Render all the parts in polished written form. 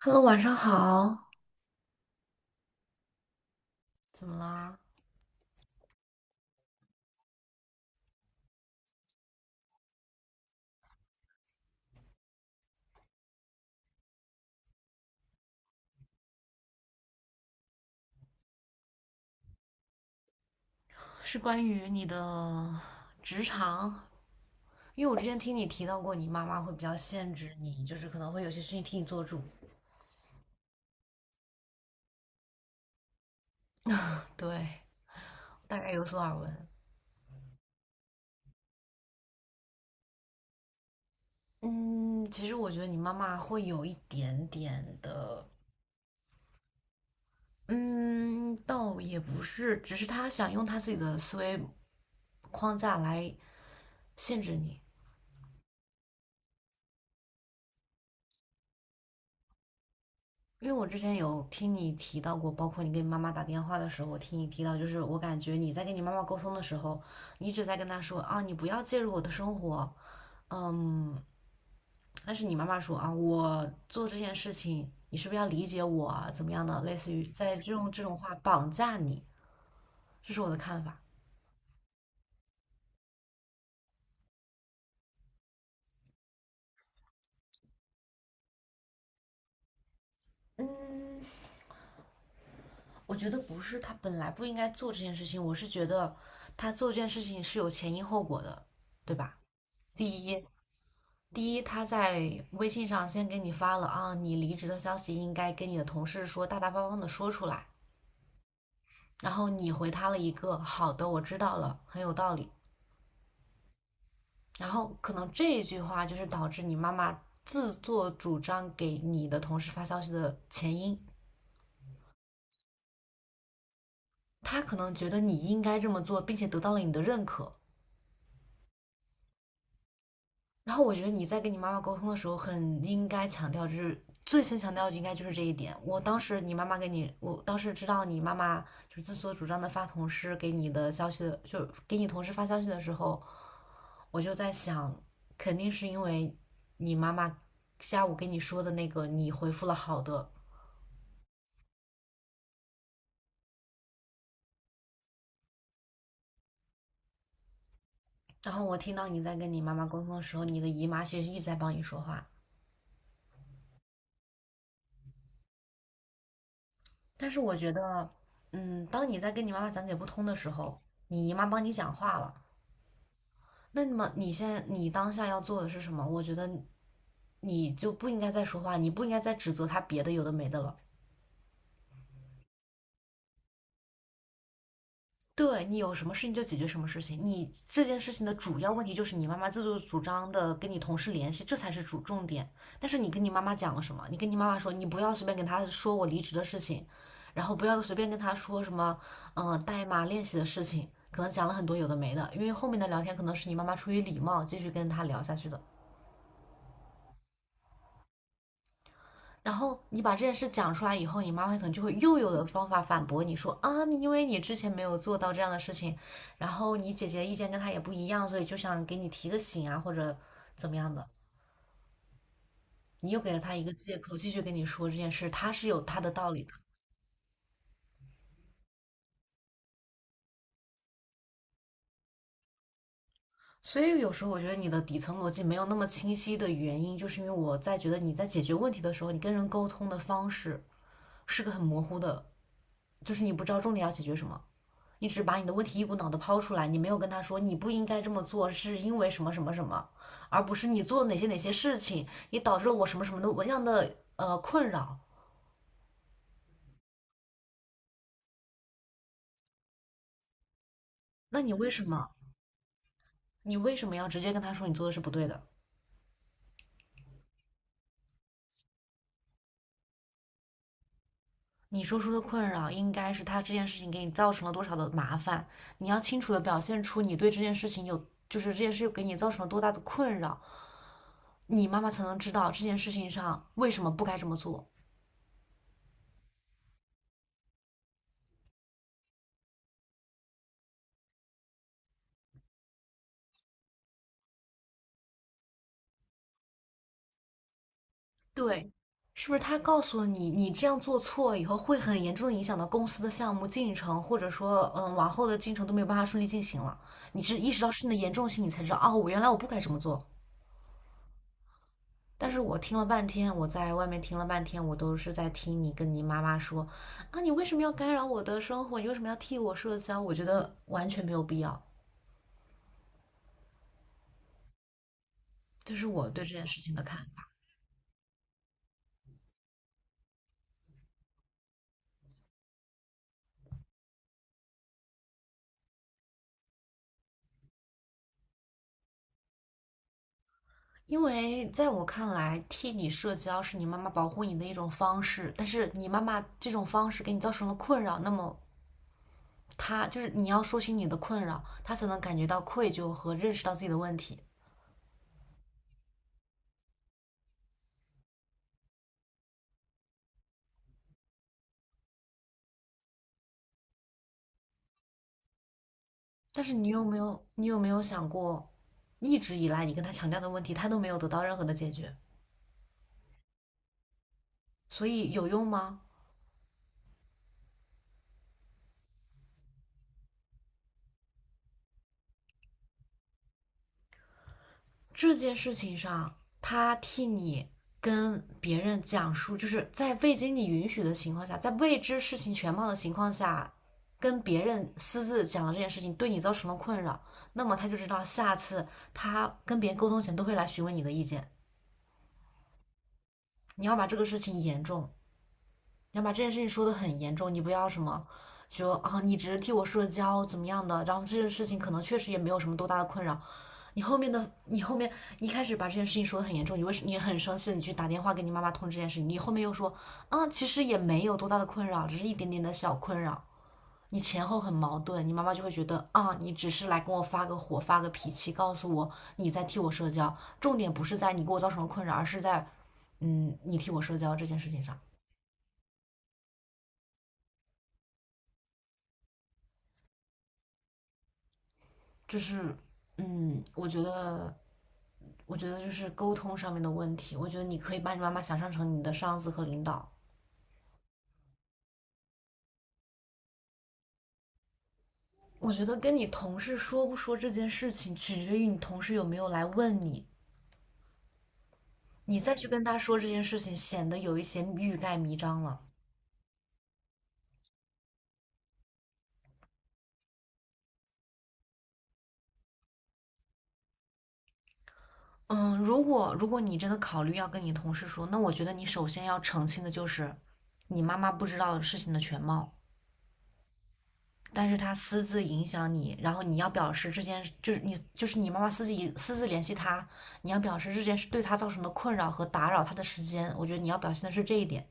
Hello，晚上好。怎么啦？是关于你的职场，因为我之前听你提到过，你妈妈会比较限制你，就是可能会有些事情替你做主。对，大概有所耳闻。嗯，其实我觉得你妈妈会有一点点的，嗯，倒也不是，只是她想用她自己的思维框架来限制你。因为我之前有听你提到过，包括你跟你妈妈打电话的时候，我听你提到，就是我感觉你在跟你妈妈沟通的时候，你一直在跟她说啊，你不要介入我的生活，嗯，但是你妈妈说啊，我做这件事情，你是不是要理解我啊怎么样的，类似于在用这种话绑架你，这是我的看法。嗯，我觉得不是，他本来不应该做这件事情，我是觉得他做这件事情是有前因后果的，对吧？第一，第一，他在微信上先给你发了啊，你离职的消息应该跟你的同事说，大大方方的说出来。然后你回他了一个好的，我知道了，很有道理。然后可能这一句话就是导致你妈妈自作主张给你的同事发消息的前因。她可能觉得你应该这么做，并且得到了你的认可，然后我觉得你在跟你妈妈沟通的时候，很应该强调，就是最先强调应该就是这一点。我当时知道你妈妈就是自作主张的发同事给你的消息的，就给你同事发消息的时候，我就在想，肯定是因为你妈妈下午跟你说的那个，你回复了好的。然后我听到你在跟你妈妈沟通的时候，你的姨妈其实一直在帮你说话，但是我觉得，当你在跟你妈妈讲解不通的时候，你姨妈帮你讲话了。那么你现在你当下要做的是什么？我觉得你就不应该再说话，你不应该再指责他别的有的没的了。对你有什么事情就解决什么事情，你这件事情的主要问题就是你妈妈自作主张的跟你同事联系，这才是主重点。但是你跟你妈妈讲了什么？你跟你妈妈说你不要随便跟她说我离职的事情，然后不要随便跟她说什么代码练习的事情，可能讲了很多有的没的，因为后面的聊天可能是你妈妈出于礼貌继续跟她聊下去的。然后你把这件事讲出来以后，你妈妈可能就会又有的方法反驳你说啊，你因为你之前没有做到这样的事情，然后你姐姐意见跟她也不一样，所以就想给你提个醒啊，或者怎么样的，你又给了她一个借口，继续跟你说这件事，她是有她的道理的。所以有时候我觉得你的底层逻辑没有那么清晰的原因，就是因为我在觉得你在解决问题的时候，你跟人沟通的方式是个很模糊的，就是你不知道重点要解决什么。你只把你的问题一股脑的抛出来，你没有跟他说你不应该这么做，是因为什么什么什么，而不是你做了哪些哪些事情，也导致了我什么什么的样的困扰。那你为什么？你为什么要直接跟他说你做的是不对的？你说出的困扰应该是他这件事情给你造成了多少的麻烦，你要清楚的表现出你对这件事情有，就是这件事给你造成了多大的困扰，你妈妈才能知道这件事情上为什么不该这么做。对，是不是他告诉你，你这样做错以后会很严重的影响到公司的项目进程，或者说，往后的进程都没有办法顺利进行了。你是意识到事情的严重性，你才知道，哦，我原来我不该这么做。但是我在外面听了半天，我都是在听你跟你妈妈说，啊，你为什么要干扰我的生活？你为什么要替我社交？我觉得完全没有必要。这是我对这件事情的看法。因为在我看来，替你社交是你妈妈保护你的一种方式，但是你妈妈这种方式给你造成了困扰，那么她就是你要说清你的困扰，她才能感觉到愧疚和认识到自己的问题。但是你有没有想过，一直以来你跟她强调的问题，她都没有得到任何的解决，所以有用吗？这件事情上，他替你跟别人讲述，就是在未经你允许的情况下，在未知事情全貌的情况下，跟别人私自讲了这件事情，对你造成了困扰，那么他就知道下次他跟别人沟通前都会来询问你的意见。你要把这个事情严重你要把这件事情说得很严重，你不要什么就啊，你只是替我社交怎么样的，然后这件事情可能确实也没有什么多大的困扰。你后面的，你后面你一开始把这件事情说得很严重，你为什你很生气，你去打电话给你妈妈通知这件事情，你后面又说啊，其实也没有多大的困扰，只是一点点的小困扰。你前后很矛盾，你妈妈就会觉得啊，你只是来跟我发个火、发个脾气，告诉我你在替我社交，重点不是在你给我造成了困扰，而是在你替我社交这件事情上。就是嗯，我觉得我觉得就是沟通上面的问题，我觉得你可以把你妈妈想象成你的上司和领导。我觉得跟你同事说不说这件事情，取决于你同事有没有来问你，你再去跟他说这件事情，显得有一些欲盖弥彰了。嗯，如果你真的考虑要跟你同事说，那我觉得你首先要澄清的就是，你妈妈不知道事情的全貌。但是他私自影响你，然后你要表示这件就是你就是你妈妈私自联系他，你要表示这件事对他造成的困扰和打扰他的时间，我觉得你要表现的是这一点。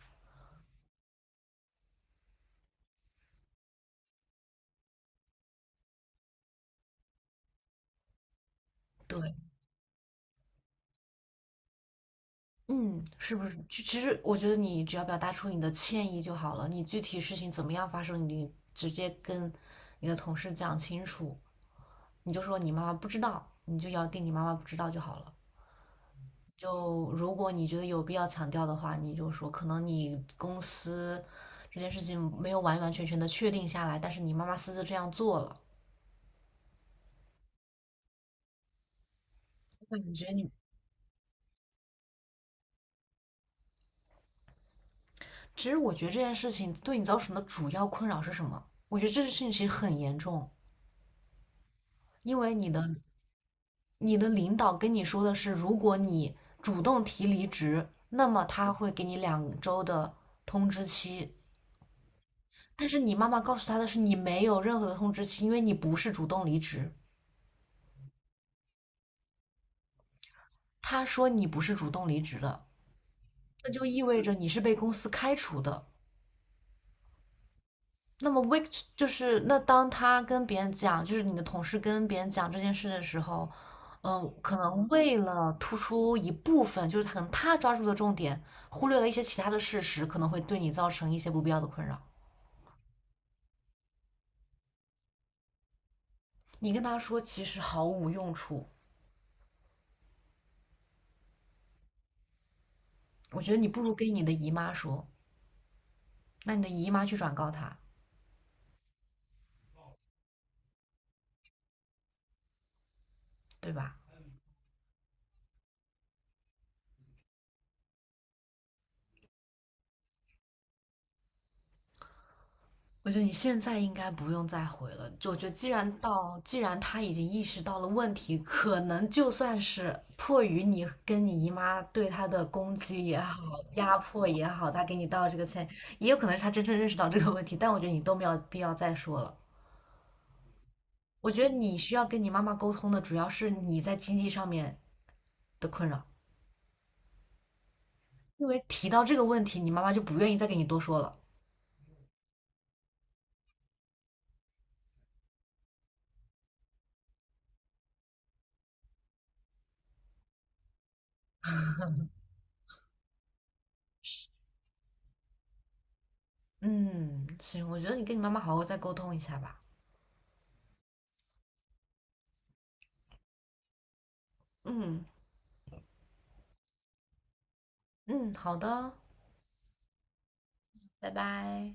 对，嗯，是不是？就其实我觉得你只要表达出你的歉意就好了，你具体事情怎么样发生，你直接跟你的同事讲清楚，你就说你妈妈不知道，你就咬定你妈妈不知道就好了。就如果你觉得有必要强调的话，你就说可能你公司这件事情没有完完全全的确定下来，但是你妈妈私自这样做了。我感觉你，其实我觉得这件事情对你造成的主要困扰是什么？我觉得这件事情其实很严重，因为你的领导跟你说的是，如果你主动提离职，那么他会给你2周的通知期。但是你妈妈告诉他的是，你没有任何的通知期，因为你不是主动离职。他说你不是主动离职的，那就意味着你是被公司开除的。那么 week 就是那当他跟别人讲，就是你的同事跟别人讲这件事的时候，可能为了突出一部分，就是他可能他抓住的重点，忽略了一些其他的事实，可能会对你造成一些不必要的困扰。你跟他说其实毫无用处，我觉得你不如跟你的姨妈说，那你的姨妈去转告他，对吧？我觉得你现在应该不用再回了。就我觉得，既然到，既然他已经意识到了问题，可能就算是迫于你跟你姨妈对他的攻击也好，压迫也好，他给你道这个歉，也有可能是他真正认识到这个问题。但我觉得你都没有必要再说了。我觉得你需要跟你妈妈沟通的，主要是你在经济上面的困扰，因为提到这个问题，你妈妈就不愿意再跟你多说了。嗯，行，我觉得你跟你妈妈好好再沟通一下吧。嗯嗯，好的。拜拜。